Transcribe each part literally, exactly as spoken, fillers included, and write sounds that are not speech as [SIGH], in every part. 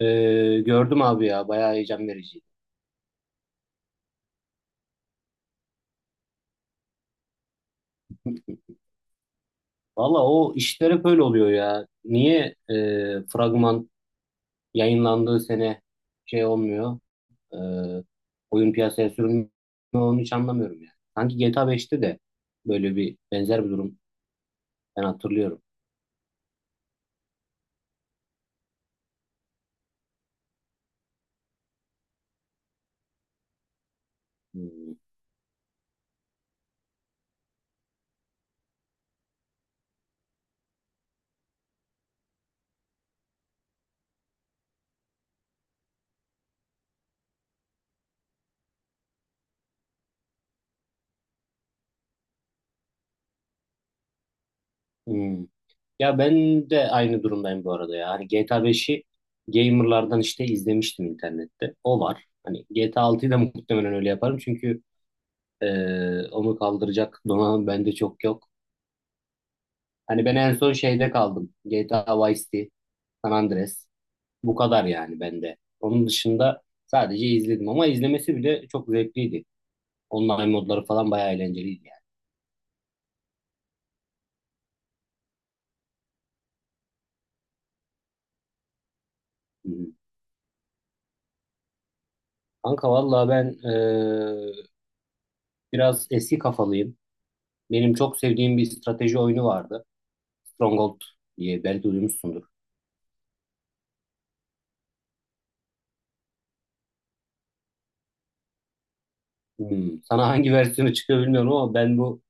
Ee, gördüm abi ya bayağı heyecan vericiydi. Valla o işler hep öyle oluyor ya. Niye e, fragman yayınlandığı sene şey olmuyor? e, Oyun piyasaya sürülmüyor, onu hiç anlamıyorum yani. Sanki G T A beşte de böyle bir benzer bir durum ben hatırlıyorum. Hmm. Hmm. Ya ben de aynı durumdayım bu arada ya. Hani G T A beşi gamerlardan işte izlemiştim internette. O var. Hani G T A altıyı da muhtemelen öyle yaparım, çünkü Ee, onu kaldıracak donanım bende çok yok. Hani ben en son şeyde kaldım. G T A Vice City, San Andreas. Bu kadar yani bende. Onun dışında sadece izledim ama izlemesi bile çok zevkliydi. Online modları falan bayağı eğlenceliydi yani. Hı hı. Kanka valla ben ee, biraz eski kafalıyım. Benim çok sevdiğim bir strateji oyunu vardı. Stronghold diye belki duymuşsundur. Hmm. Sana hangi [LAUGHS] versiyonu çıkıyor bilmiyorum ama ben bu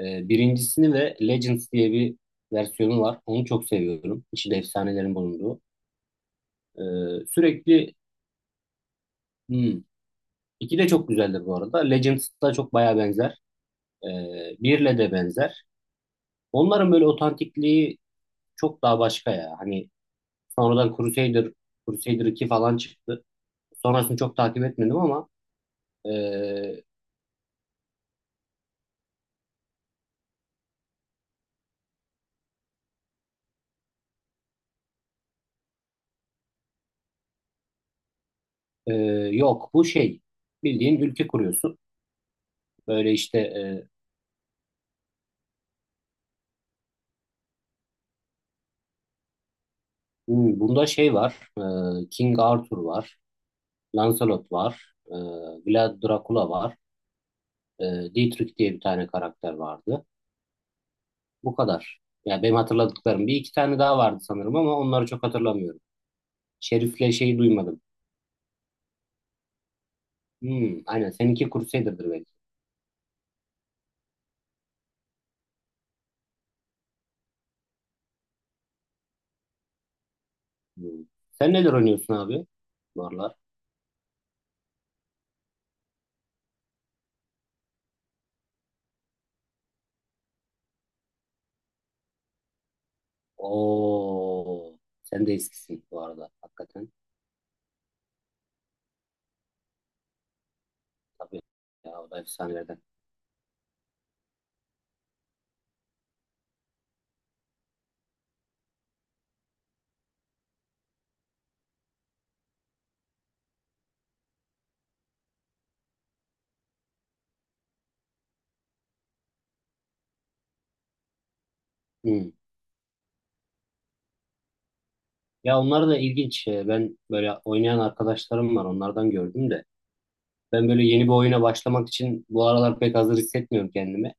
Ee, birincisini ve Legends diye bir versiyonu var. Onu çok seviyorum. İçinde efsanelerin bulunduğu. Ee, sürekli hmm, iki de çok güzeldir bu arada. Legends da çok baya benzer. Ee, birle de benzer. Onların böyle otantikliği çok daha başka ya. Hani sonradan Crusader, Crusader iki falan çıktı. Sonrasını çok takip etmedim ama ee, ee, yok, bu şey, bildiğin ülke kuruyorsun. Böyle işte ee, hmm, bunda şey var. ee, King Arthur var. Lancelot var. E, Vlad Dracula var. E, Dietrich diye bir tane karakter vardı. Bu kadar. Ya benim hatırladıklarım. Bir iki tane daha vardı sanırım ama onları çok hatırlamıyorum. Şerif'le şeyi duymadım. Hmm, aynen. Seninki Crusader'dır belki. Hmm. Sen neler oynuyorsun abi? Bu aralar. Oo. Sen de eskisin bu arada. Hakikaten. Tabii. Ya o da efsanelerden. Hmm. Ya onlar da ilginç. Ee, Ben böyle oynayan arkadaşlarım var. Onlardan gördüm de. Ben böyle yeni bir oyuna başlamak için bu aralar pek hazır hissetmiyorum kendimi.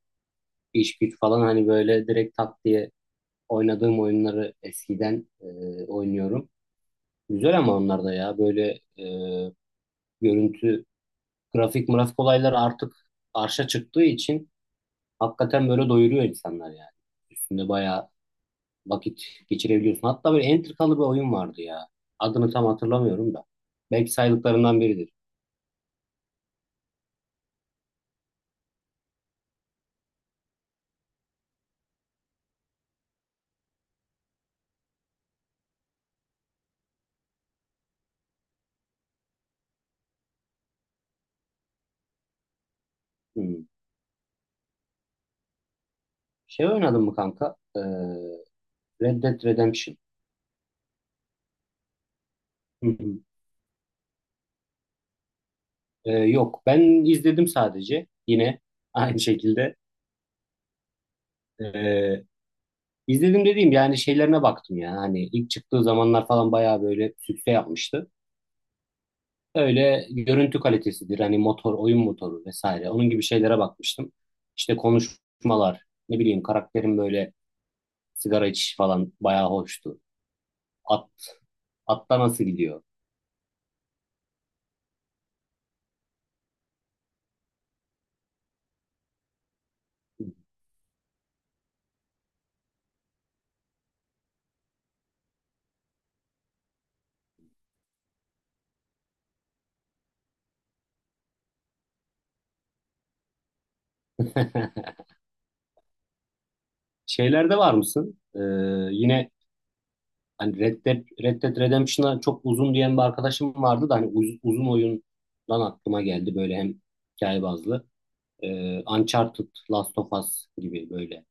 İş güç falan, hani böyle direkt tak diye oynadığım oyunları eskiden e, oynuyorum. Güzel, ama onlar da ya böyle e, görüntü, grafik, mırafik olayları artık arşa çıktığı için hakikaten böyle doyuruyor insanlar yani. Üstünde bayağı vakit geçirebiliyorsun. Hatta böyle entrikalı bir oyun vardı ya. Adını tam hatırlamıyorum da. Belki saydıklarından biridir. Hmm. Şey oynadın mı kanka? Ee, Red Dead Redemption. Hı hı. Ee, yok, ben izledim sadece, yine aynı şekilde. Ee, izledim dediğim yani, şeylerine baktım ya. Hani ilk çıktığı zamanlar falan bayağı böyle sükse yapmıştı. Öyle görüntü kalitesidir hani, motor, oyun motoru vesaire, onun gibi şeylere bakmıştım. İşte konuşmalar, ne bileyim karakterin böyle sigara içişi falan bayağı hoştu. At, atta nasıl gidiyor? [LAUGHS] Şeylerde var mısın? Ee, yine hani Red Dead, Red Dead Redemption'a çok uzun diyen bir arkadaşım vardı da, hani uz- uzun oyundan aklıma geldi böyle, hem hikaye bazlı. Ee, Uncharted, Last of Us gibi böyle.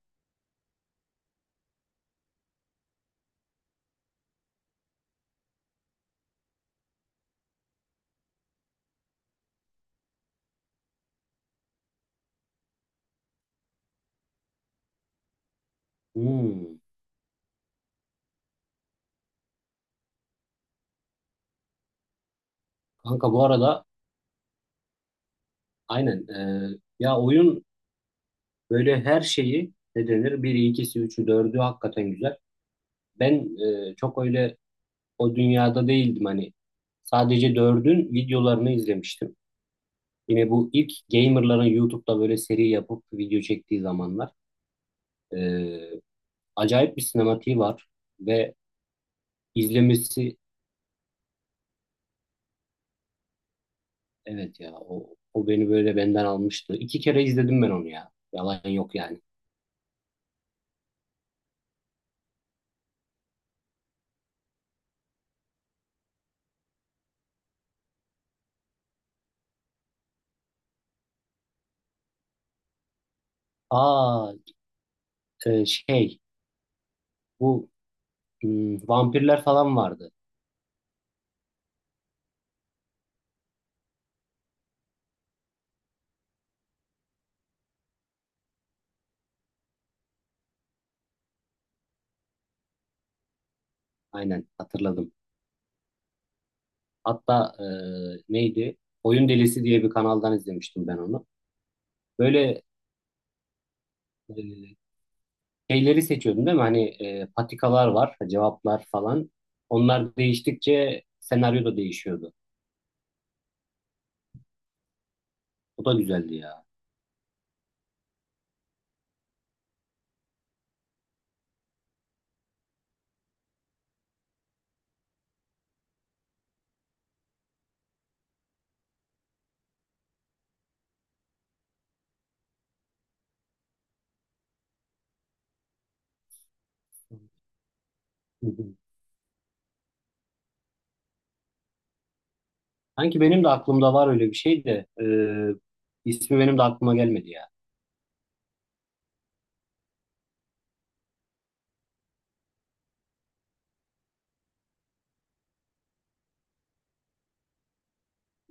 Hmm. Kanka bu arada aynen, ee, ya oyun böyle her şeyi, ne denir, biri, ikisi, üçü, dördü hakikaten güzel. Ben ee, çok öyle o dünyada değildim hani. Sadece dördün videolarını izlemiştim. Yine bu ilk gamerların YouTube'da böyle seri yapıp video çektiği zamanlar. E, Acayip bir sinematiği var ve izlemesi, evet ya, o, o beni böyle benden almıştı. İki kere izledim ben onu ya. Yalan yok yani. Aa, e, şey, bu, hmm, vampirler falan vardı. Aynen hatırladım. Hatta e, neydi? Oyun Delisi diye bir kanaldan izlemiştim ben onu. Böyle e, şeyleri seçiyordum değil mi? Hani e, patikalar var, cevaplar falan. Onlar değiştikçe senaryo da değişiyordu. O da güzeldi ya. [LAUGHS] Sanki benim de aklımda var öyle bir şey de, e, ismi benim de aklıma gelmedi ya.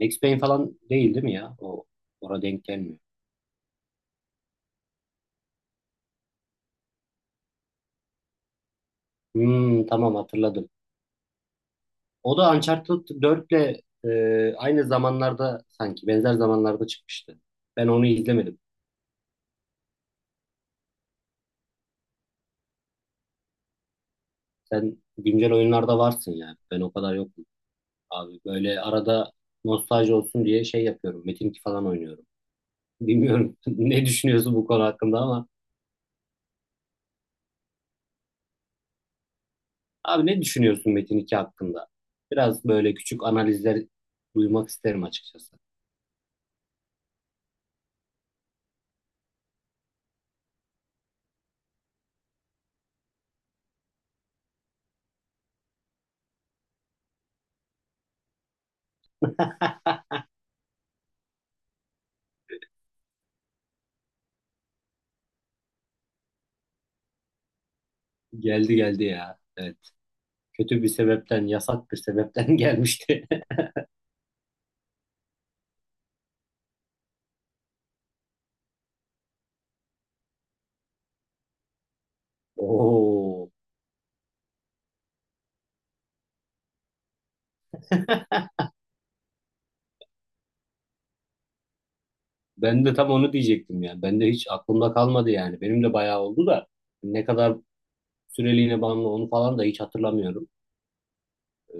Max Payne falan değil değil mi ya? O orada denk gelmiyor. Hmm, tamam hatırladım. O da Uncharted dörtle e, aynı zamanlarda sanki benzer zamanlarda çıkmıştı. Ben onu izlemedim. Sen güncel oyunlarda varsın ya. Ben o kadar yokum. Abi böyle arada nostalji olsun diye şey yapıyorum. Metin iki falan oynuyorum. Bilmiyorum [LAUGHS] ne düşünüyorsun bu konu hakkında ama. Abi ne düşünüyorsun Metin iki hakkında? Biraz böyle küçük analizler duymak isterim açıkçası. Geldi geldi ya. Evet. Kötü bir sebepten, yasak bir sebepten [LAUGHS] gelmişti. Oo. Ben de tam onu diyecektim ya. Ben de hiç aklımda kalmadı yani. Benim de bayağı oldu da ne kadar süreliğine bağımlı, onu falan da hiç hatırlamıyorum. Ee,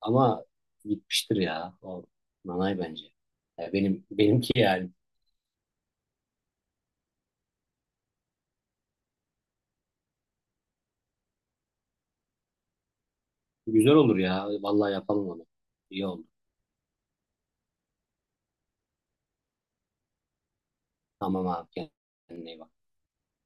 ama gitmiştir ya. O nanay bence. Ya benim, benimki yani. Güzel olur ya. Vallahi yapalım onu. İyi oldu. Tamam abi. Kendine iyi bak.